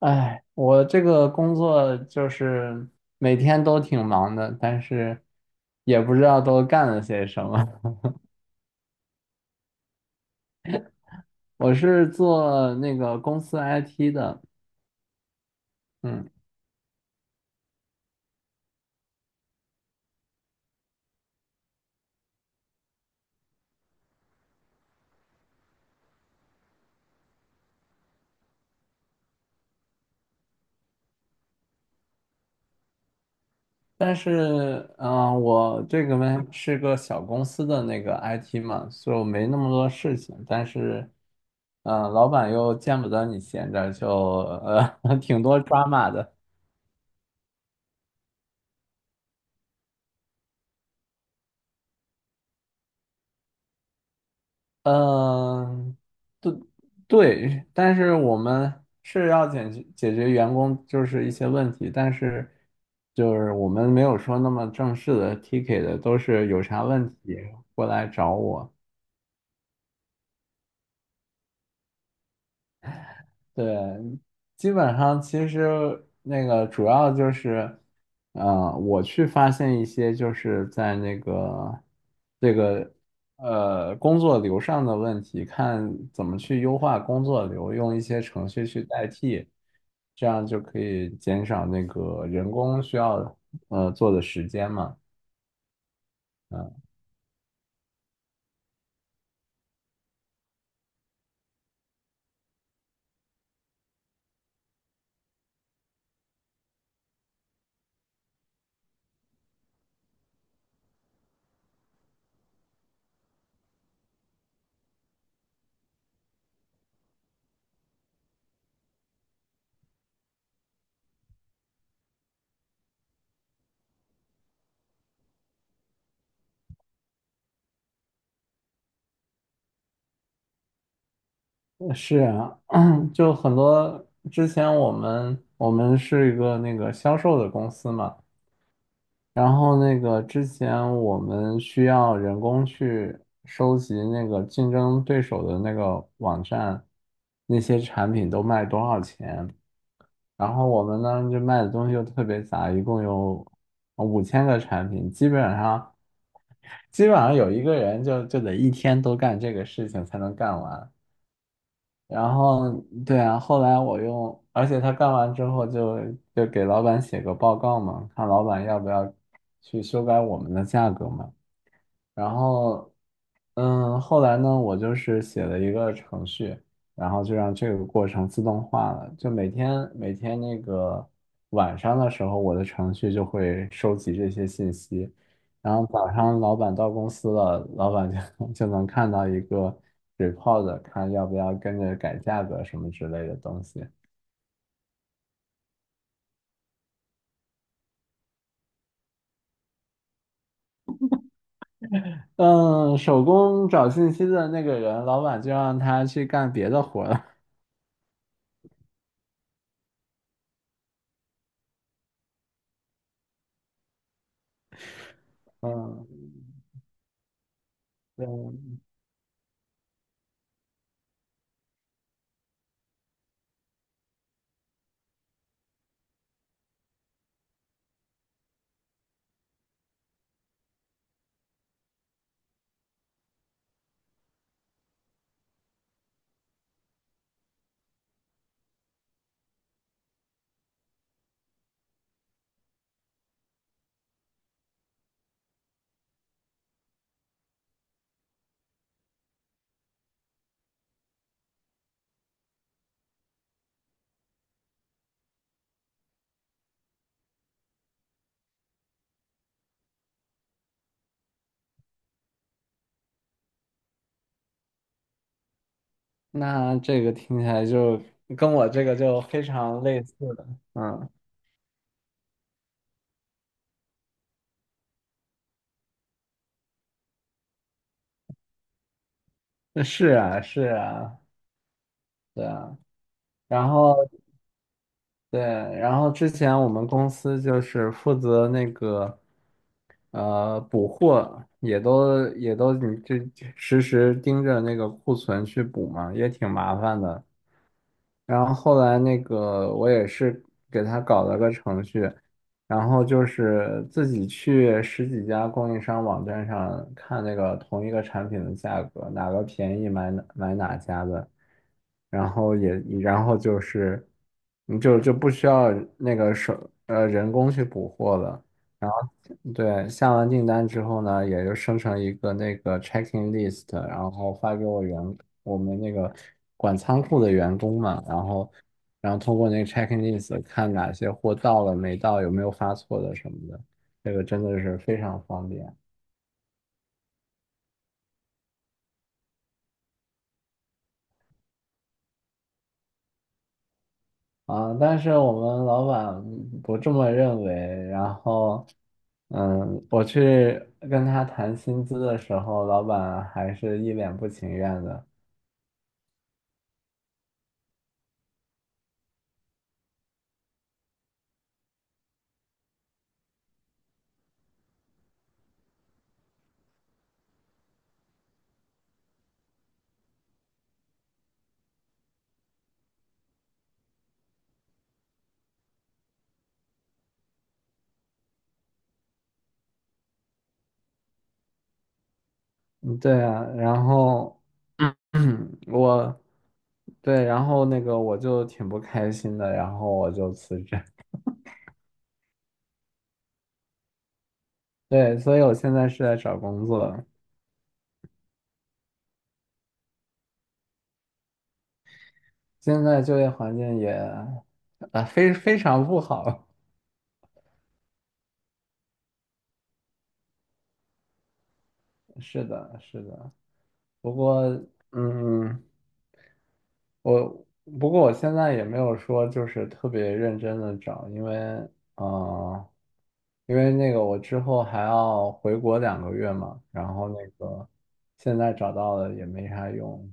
哎，我这个工作就是每天都挺忙的，但是也不知道都干了些什么。我是做那个公司 IT 的。嗯，但是，我这个呢是个小公司的那个 IT 嘛，所以我没那么多事情。但是，老板又见不得你闲着，就挺多抓马的。嗯、对，但是我们是要解决员工就是一些问题，但是就是我们没有说那么正式的 ticket 的，都是有啥问题过来找我。对，基本上其实那个主要就是，我去发现一些就是在那个这个工作流上的问题，看怎么去优化工作流，用一些程序去代替，这样就可以减少那个人工需要做的时间嘛。是啊，就很多之前我们是一个那个销售的公司嘛。然后那个之前我们需要人工去收集那个竞争对手的那个网站，那些产品都卖多少钱。然后我们呢就卖的东西又特别杂，一共有5000个产品，基本上 基本上有一个人就得一天都干这个事情才能干完。然后对啊，后来我用，而且他干完之后就给老板写个报告嘛，看老板要不要去修改我们的价格嘛。然后，后来呢，我就是写了一个程序，然后就让这个过程自动化了。就每天每天那个晚上的时候，我的程序就会收集这些信息，然后早上老板到公司了，老板就 就能看到一个 report，看要不要跟着改价格什么之类的东西。嗯，手工找信息的那个人，老板就让他去干别的活儿了。嗯，对。那这个听起来就跟我这个就非常类似的。嗯，那是啊，是啊，对啊，然后对，然后之前我们公司就是负责那个补货，也都你这实时盯着那个库存去补嘛，也挺麻烦的。然后后来那个我也是给他搞了个程序，然后就是自己去十几家供应商网站上看那个同一个产品的价格，哪个便宜买哪家的，然后也就是你就不需要那个人工去补货了。对，下完订单之后呢，也就生成一个那个 checking list，然后发给我们那个管仓库的员工嘛，然后通过那个 checking list 看哪些货到了没到，有没有发错的什么的，这个真的是非常方便啊。但是我们老板不这么认为，然后我去跟他谈薪资的时候，老板还是一脸不情愿的。嗯，对啊，然后，我，对，然后那个我就挺不开心的，然后我就辞职。对，所以我现在是在找工作。现在就业环境也，啊，非常不好。是的，是的。不过，嗯，我我现在也没有说就是特别认真的找，因为啊，因为那个我之后还要回国两个月嘛，然后那个现在找到了也没啥用。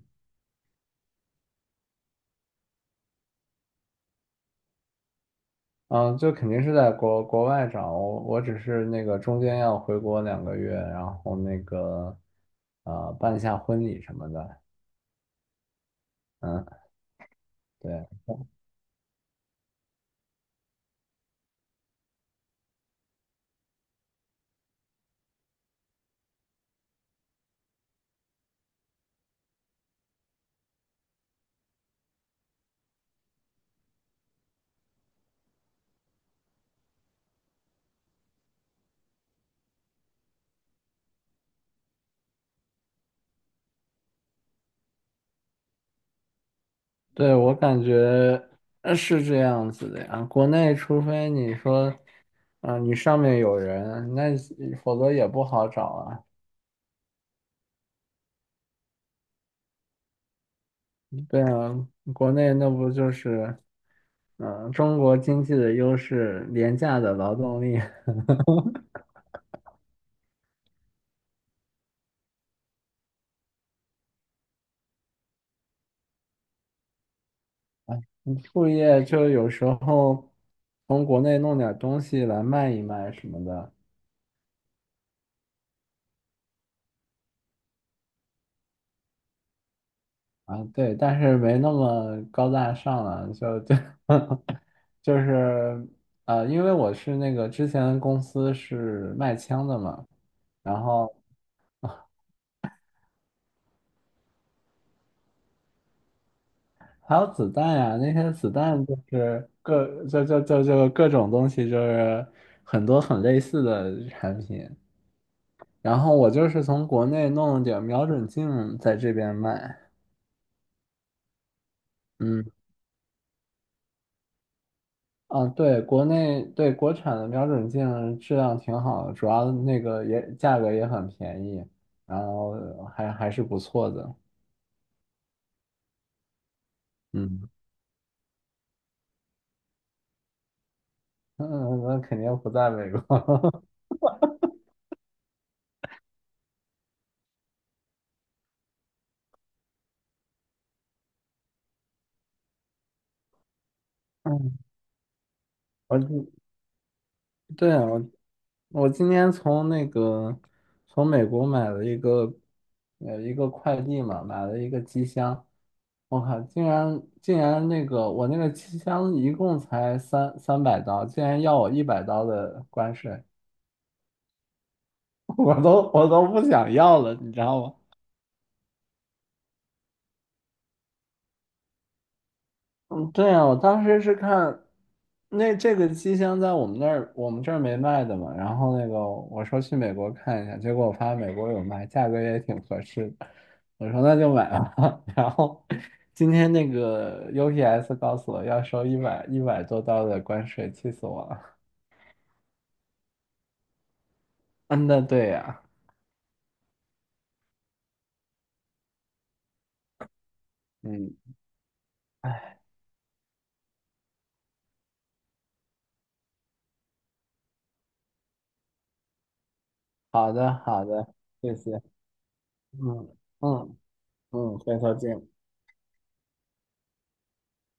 嗯、就肯定是在国外找，我只是那个中间要回国两个月，然后那个办一下婚礼什么的。嗯，对。对，我感觉是这样子的呀。国内，除非你说，啊、你上面有人，那否则也不好找啊。对啊，国内那不就是，中国经济的优势，廉价的劳动力。你副业就有时候从国内弄点东西来卖一卖什么的。啊，对，但是没那么高大上了，就 就是因为我是那个之前的公司是卖枪的嘛，然后还有子弹呀，那些子弹就是各就就就就各种东西，就是很多很类似的产品，然后我就是从国内弄了点瞄准镜在这边卖。嗯。啊，对，国内对国产的瞄准镜质量挺好的，主要那个也价格也很便宜，然后还是不错的。嗯嗯，那肯定不在美国。嗯，我对，我今天从那个从美国买了一个快递嘛，买了一个机箱。我靠，竟然我那个机箱一共才三百刀，竟然要我100刀的关税。我都不想要了，你知道吗？嗯，对啊，我当时是看这个机箱在我们那儿，我们这儿没卖的嘛。然后那个我说去美国看一下，结果我发现美国有卖，价格也挺合适的。我说那就买吧。然后今天那个 UPS 告诉我要收一百多刀的关税，气死我了。嗯，那对呀、嗯，好的好的，谢谢。嗯嗯嗯，回头见。